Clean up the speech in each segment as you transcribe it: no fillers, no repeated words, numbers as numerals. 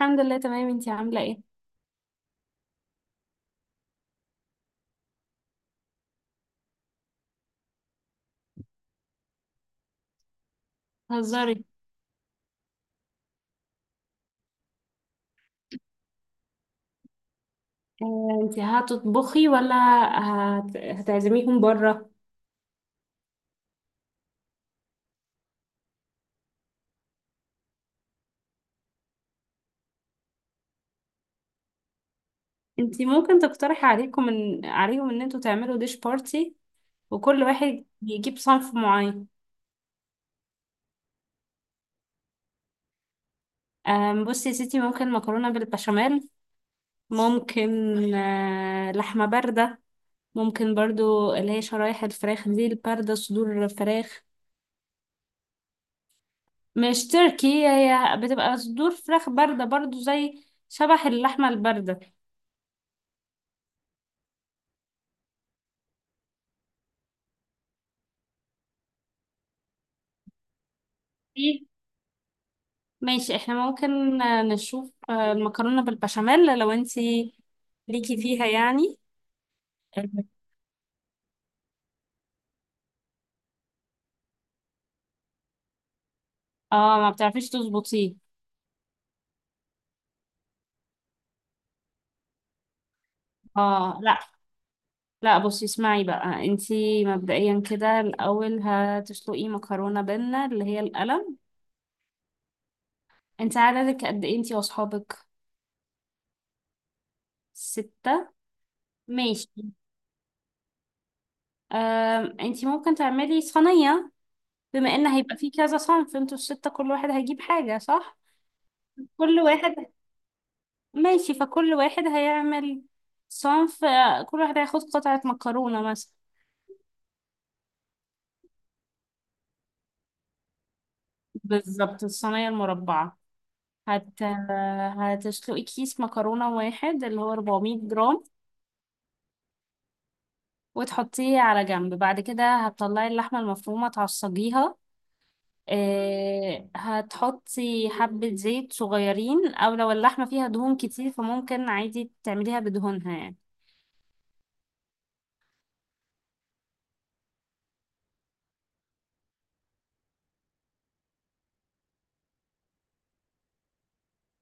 الحمد لله تمام، انتي عاملة ايه؟ هزاري. اه انتي هتطبخي ولا هتعزميهم بره؟ انتي ممكن تقترحي عليهم ان انتوا تعملوا ديش بارتي، وكل واحد يجيب صنف معين. اه بصي يا ستي، ممكن مكرونة بالبشاميل، ممكن اه لحمة باردة، ممكن برضو اللي هي شرايح الفراخ دي الباردة، صدور فراخ. مش تركي، هي بتبقى صدور فراخ باردة برضو زي شبح اللحمة الباردة. ماشي، احنا ممكن نشوف المكرونة بالبشاميل لو انتي ليكي فيها يعني. اه ما بتعرفيش تظبطيه. اه لا، لا بصي اسمعي بقى، انتي مبدئيا كده الاول هتسلقي مكرونة بينا اللي هي القلم. انت عددك قد ايه انتي واصحابك؟ ستة. ماشي. انتي ممكن تعملي صينية، بما ان هيبقى فيه كذا صنف انتوا الستة كل واحد هيجيب حاجة، صح؟ كل واحد. ماشي، فكل واحد هيعمل صنف. كل واحد هياخد قطعة مكرونة مثلا. بالظبط، الصينية المربعة. هت... هتسلقي كيس مكرونة واحد اللي هو 400 جرام، وتحطيه على جنب. بعد كده هتطلعي اللحمة المفرومة تعصجيها. هتحطي حبة زيت صغيرين، أو لو اللحمة فيها دهون كتير فممكن عادي تعمليها بدهونها يعني.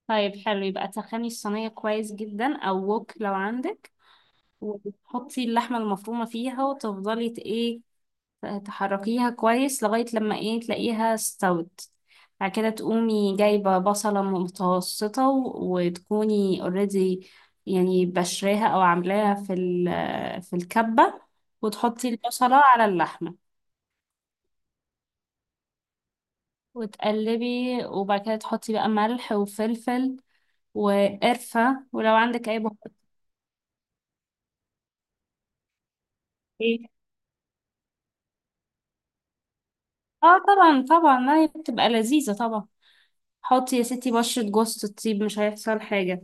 طيب، حلو. يبقى تسخني الصينية كويس جدا أو وok لو عندك، وتحطي اللحمة المفرومة فيها وتفضلي ت- ايه تحركيها كويس لغاية لما تلاقيها استوت. بعد كده تقومي جايبة بصلة متوسطة وتكوني اوريدي يعني بشراها او عاملاها في في الكبة، وتحطي البصلة على اللحمة وتقلبي. وبعد كده تحطي بقى ملح وفلفل وقرفة ولو عندك اي بهارات. ايه، اه طبعا طبعا، ما هي بتبقى لذيذة طبعا. حطي يا ستي بشرة جوز الطيب، مش هيحصل حاجة.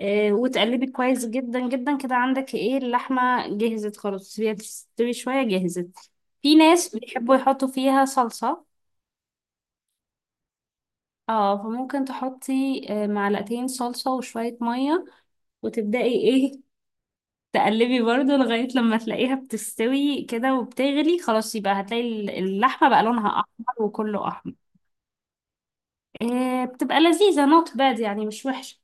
إيه وتقلبي كويس جدا جدا كده، عندك ايه اللحمة جهزت خلاص. سيبيها تستوي شوية جهزت. في ناس بيحبوا يحطوا فيها صلصة، اه فممكن تحطي معلقتين صلصة وشوية مية، وتبدأي تقلبي برضو لغاية لما تلاقيها بتستوي كده وبتغلي خلاص. يبقى هتلاقي اللحمة بقى لونها أحمر، وكله أحمر. إيه بتبقى لذيذة نوت باد يعني، مش وحشة.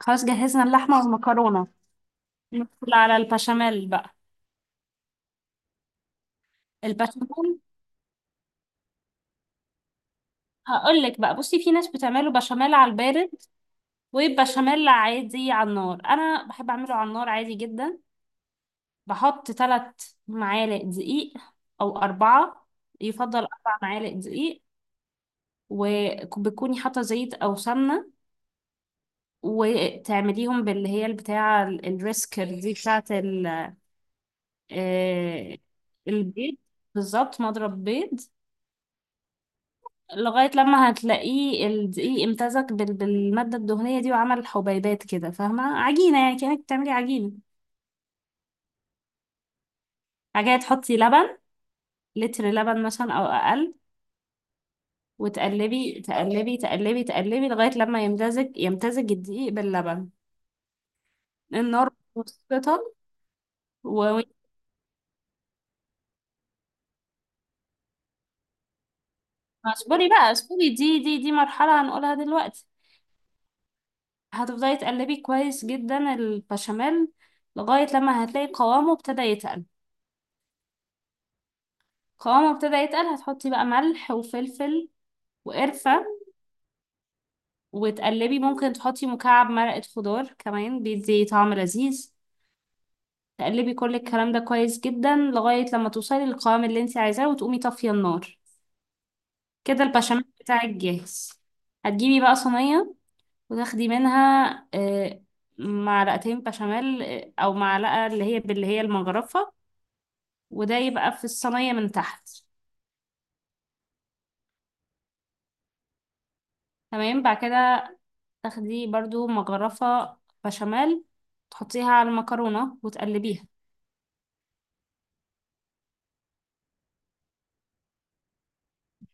خلاص جهزنا اللحمة والمكرونة. ندخل على البشاميل بقى. البشاميل هقول لك بقى، بصي في ناس بتعمله بشاميل على البارد، وبشاميل عادي على النار. انا بحب اعمله على النار عادي جدا. بحط ثلاث معالق دقيق او اربعة. يفضل اربع معالق دقيق، وبتكوني حاطه زيت او سمنه، وتعمليهم باللي هي البتاعه الريسكر دي بتاعه آه، البيض. بالظبط، مضرب بيض. لغاية لما هتلاقيه الدقيق امتزج بالمادة الدهنية دي، وعمل حبيبات كده، فاهمة عجينة يعني كأنك بتعملي عجينة حاجة. تحطي لبن، لتر لبن مثلا أو أقل، وتقلبي تقلبي تقلبي تقلبي لغاية لما يمتزج يمتزج الدقيق باللبن. النار متوسطة. و اصبري بقى اصبري، دي مرحلة هنقولها دلوقتي. هتفضلي تقلبي كويس جدا البشاميل لغاية لما هتلاقي قوامه ابتدى يتقل. قوامه ابتدى يتقل، هتحطي بقى ملح وفلفل وقرفة وتقلبي. ممكن تحطي مكعب مرقة خضار كمان، بيدي طعم لذيذ. تقلبي كل الكلام ده كويس جدا لغاية لما توصلي للقوام اللي انت عايزاه، وتقومي طافية النار. كده البشاميل بتاعك جاهز. هتجيبي بقى صينية وتاخدي منها آه، معلقتين بشاميل، أو معلقة اللي هي باللي هي المجرفة، وده يبقى في الصينية من تحت. تمام، بعد كده تاخدي برضو مجرفة بشاميل تحطيها على المكرونة وتقلبيها.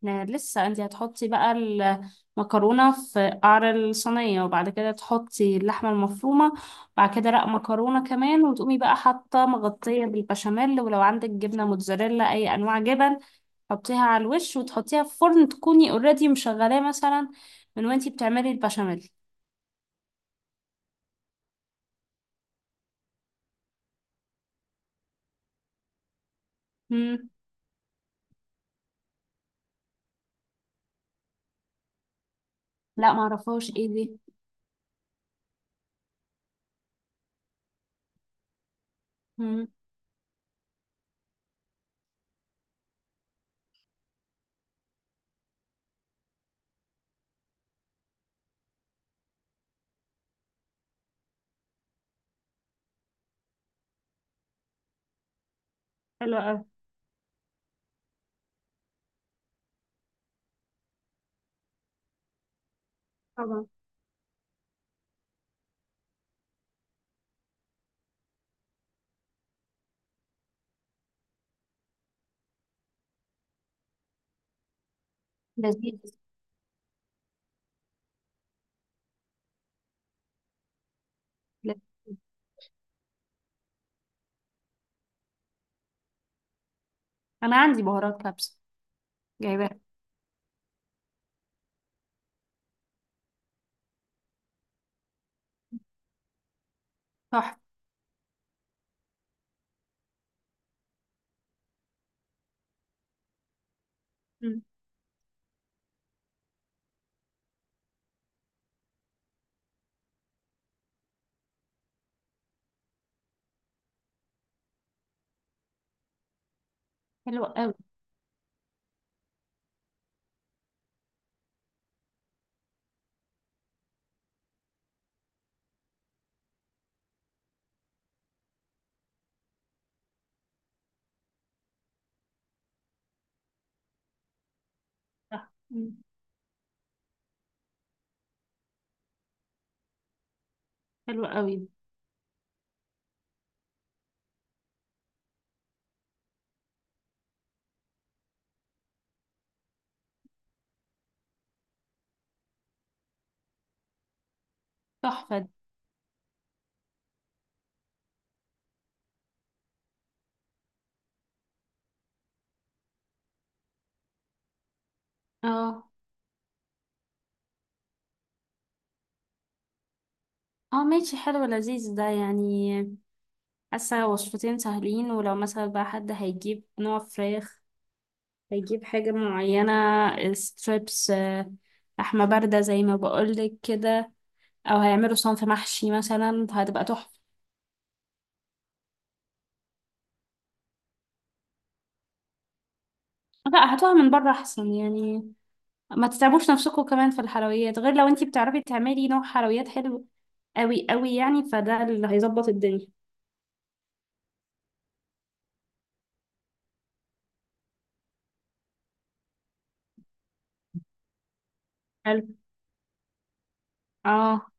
لا، لسه انت هتحطي بقى المكرونة في قعر الصينية، وبعد كده تحطي اللحمة المفرومة. بعد كده رق مكرونة كمان، وتقومي بقى حاطة مغطية بالبشاميل، ولو عندك جبنة موتزاريلا أي أنواع جبن حطيها على الوش، وتحطيها في فرن تكوني اوريدي مشغلاه مثلا من وانتي بتعملي البشاميل. مم. لا معرفهاش ايه دي. مم. حلوة أوي. طبعا. لذيذ. لذيذ. أنا عندي بهارات كبسة. جايباها. صح. مم. حلوة أوي. صح. مم. حلوة أوي. تحفة دي. اه. اه ماشي، حلو لذيذ ده يعني. حاسة وصفتين سهلين. ولو مثلا بقى حد هيجيب نوع فراخ هيجيب حاجة معينة، ستريبس، لحمة باردة زي ما بقولك كده، أو هيعملوا صنف محشي مثلا فهتبقى تحفة. لا، هاتوها من بره أحسن يعني. ما تتعبوش نفسكم كمان في الحلويات، غير لو انتي بتعرفي تعملي نوع حلويات حلو قوي قوي يعني، فده اللي هيظبط الدنيا. حلو، اه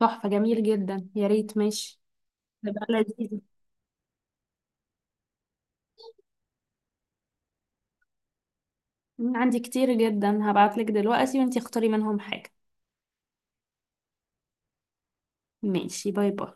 تحفة، جميل جدا، يا ريت ماشي. تبقى لذيذة. عندي كتير جدا، هبعتلك دلوقتي وانتي اختاري منهم حاجة. ماشي، باي باي.